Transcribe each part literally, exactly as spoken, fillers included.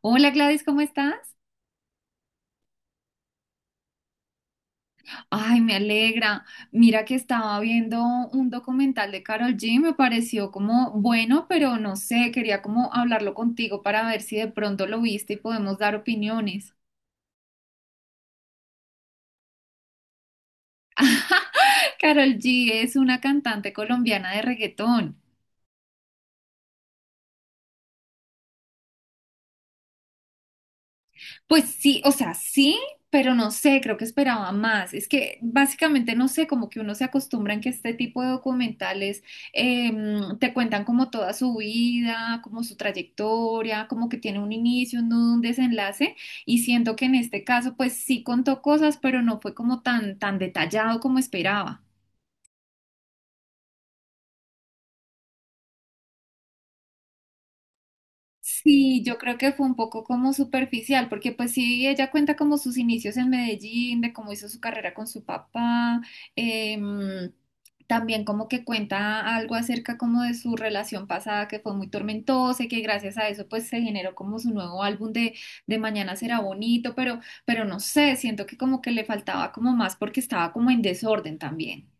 Hola Gladys, ¿cómo estás? Ay, me alegra. Mira que estaba viendo un documental de Carol G, me pareció como bueno, pero no sé, quería como hablarlo contigo para ver si de pronto lo viste y podemos dar opiniones. Carol G es una cantante colombiana de reggaetón. Pues sí, o sea, sí, pero no sé, creo que esperaba más. Es que básicamente no sé, como que uno se acostumbra en que este tipo de documentales em, te cuentan como toda su vida, como su trayectoria, como que tiene un inicio, un nudo, un desenlace. Y siento que en este caso, pues sí contó cosas, pero no fue como tan, tan detallado como esperaba. Sí, yo creo que fue un poco como superficial, porque pues sí, ella cuenta como sus inicios en Medellín, de cómo hizo su carrera con su papá, em, también como que cuenta algo acerca como de su relación pasada que fue muy tormentosa y que gracias a eso pues se generó como su nuevo álbum de, de Mañana será bonito, pero, pero no sé, siento que como que le faltaba como más porque estaba como en desorden también.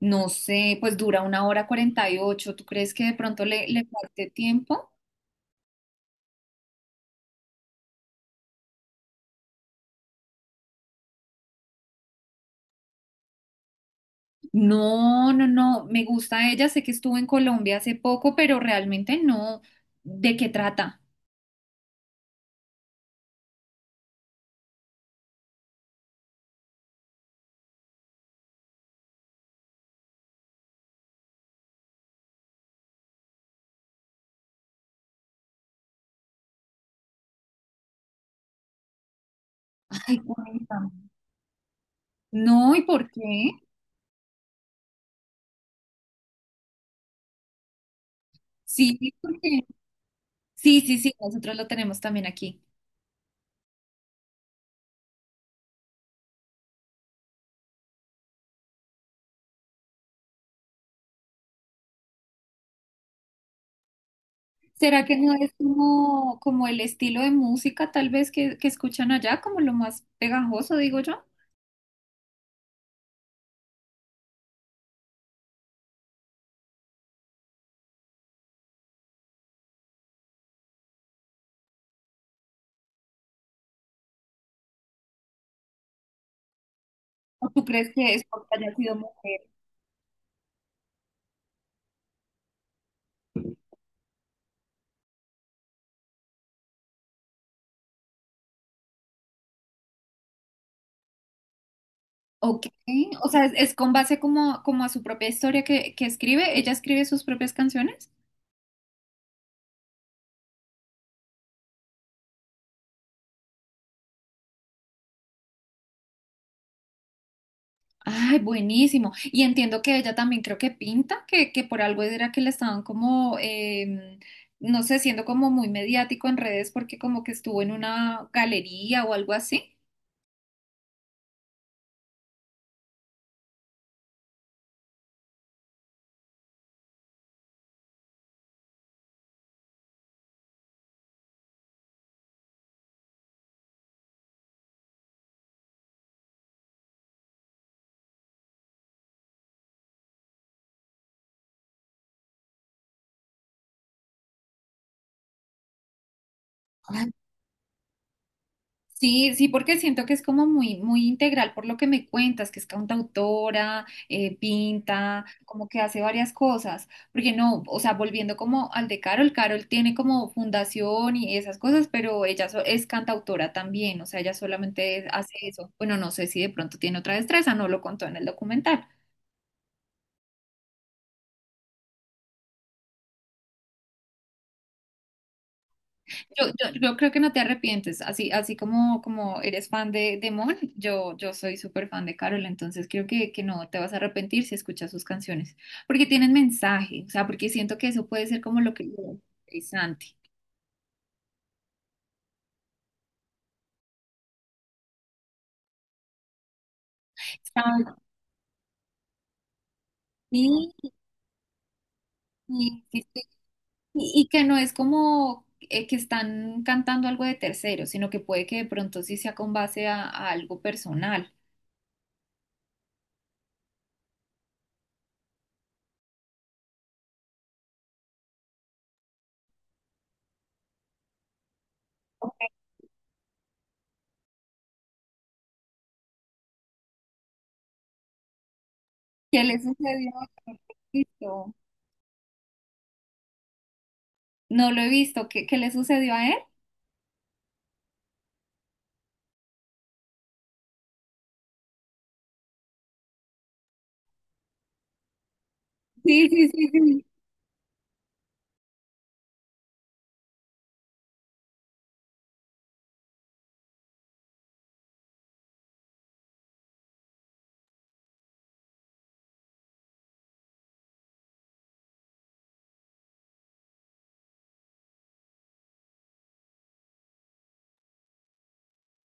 No sé, pues dura una hora cuarenta y ocho, ¿tú crees que de pronto le, le falte tiempo? No, no, no, me gusta ella, sé que estuvo en Colombia hace poco, pero realmente no. ¿De qué trata? Ay, cuéntame. No, ¿y por qué? Sí, porque sí, sí, sí, nosotros lo tenemos también aquí. ¿Será que no es como, como el estilo de música tal vez que, que escuchan allá, como lo más pegajoso, digo yo? ¿O tú crees que es porque haya sido mujer? Ok, o sea, es, es con base como, como a su propia historia que, que escribe, ella escribe sus propias canciones. Ay, buenísimo. Y entiendo que ella también creo que pinta, que, que por algo era que le estaban como, em, no sé, siendo como muy mediático en redes porque como que estuvo en una galería o algo así. Sí, sí, porque siento que es como muy, muy integral por lo que me cuentas, que es cantautora, eh, pinta, como que hace varias cosas. Porque no, o sea, volviendo como al de Carol, Carol tiene como fundación y esas cosas, pero ella so- es cantautora también, o sea, ella solamente hace eso. Bueno, no sé si de pronto tiene otra destreza, no lo contó en el documental. Yo, yo, yo creo que no te arrepientes, así, así como, como eres fan de, de Mon, yo, yo soy súper fan de Carol, entonces creo que, que no te vas a arrepentir si escuchas sus canciones, porque tienen mensaje, o sea, porque siento que eso puede ser como lo que lo interesante. ¿Sabes? Sí, y, y- y que no es como eh, que están cantando algo de tercero, sino que puede que de pronto sí sea con base a, a algo personal. ¿Qué le sucedió? ¿A Jesucristo? No lo he visto, ¿qué, qué le sucedió a él? Sí, sí, sí, sí.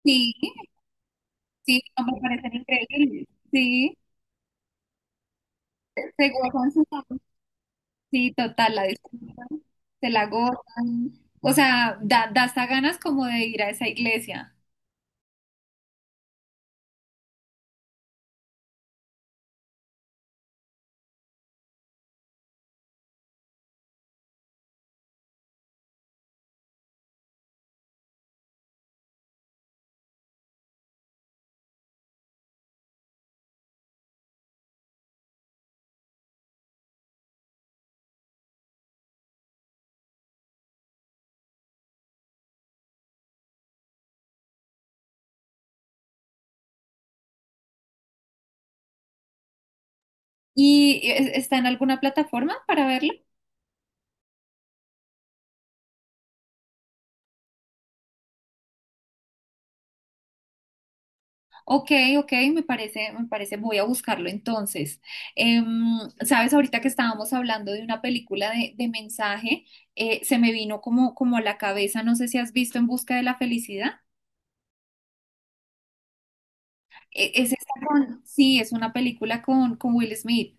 Sí, sí, no me parecen increíbles. Sí, se gozan su sabor. Sí, total, la disfrutan, se la gozan. O sea, da, da hasta ganas como de ir a esa iglesia. ¿Y e- está en alguna plataforma para verla? Ok, ok, me parece, me parece, voy a buscarlo entonces. Em, sabes, ahorita que estábamos hablando de una película de, de mensaje, eh, se me vino como, como a la cabeza, no sé si has visto En Busca de la Felicidad. E- Es esa con, sí, es una película con, con Will Smith.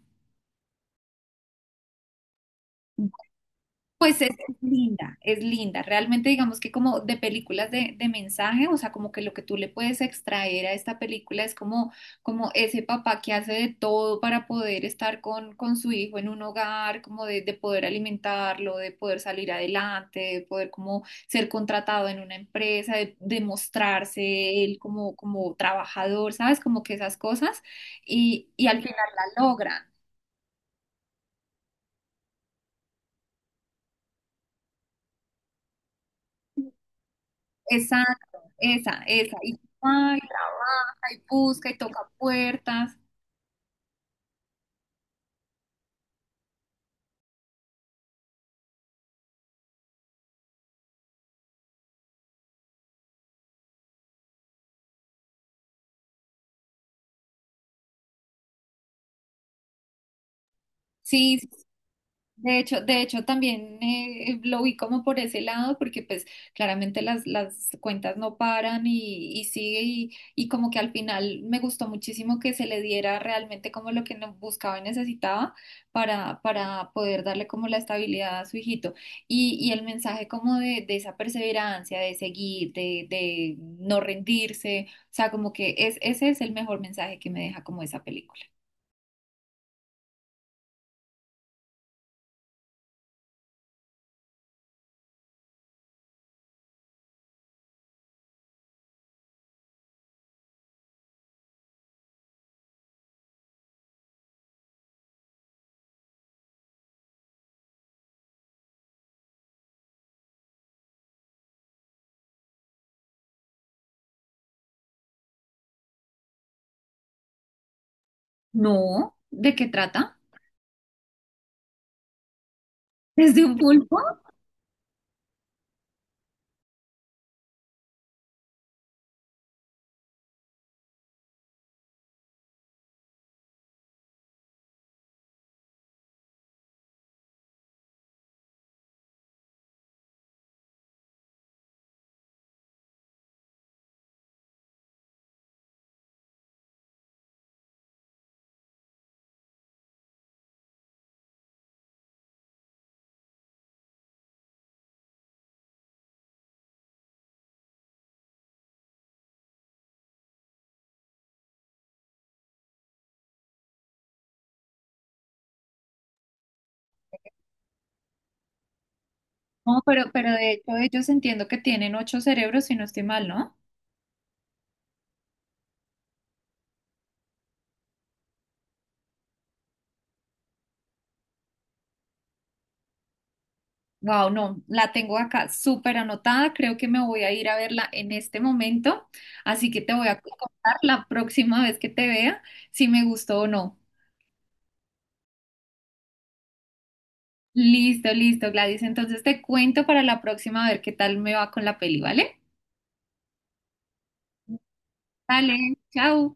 Pues es, es linda, es linda. Realmente digamos que como de películas de, de mensaje, o sea, como que lo que tú le puedes extraer a esta película es como, como ese papá que hace de todo para poder estar con, con su hijo en un hogar, como de, de poder alimentarlo, de poder salir adelante, de poder como ser contratado en una empresa, de, de mostrarse él como, como trabajador, ¿sabes? Como que esas cosas y, y al final la logran. Exacto, esa, esa. Y, ay, trabaja y busca y toca puertas. Sí, sí. De hecho, de hecho también eh, lo vi como por ese lado, porque pues claramente las, las cuentas no paran y, y sigue y, y como que al final me gustó muchísimo que se le diera realmente como lo que no- buscaba y necesitaba para, para poder darle como la estabilidad a su hijito. Y, y el mensaje como de, de esa perseverancia, de seguir, de, de no rendirse, o sea, como que es, ese es el mejor mensaje que me deja como esa película. No, ¿de qué trata? ¿Desde un pulpo? No, pero, pero de hecho ellos entiendo que tienen ocho cerebros, si no estoy mal, ¿no? Wow, no, la tengo acá súper anotada, creo que me voy a ir a verla en este momento, así que te voy a contar la próxima vez que te vea si me gustó o no. Listo, listo, Gladys, entonces te cuento para la próxima a ver qué tal me va con la peli, ¿vale? Dale, chao.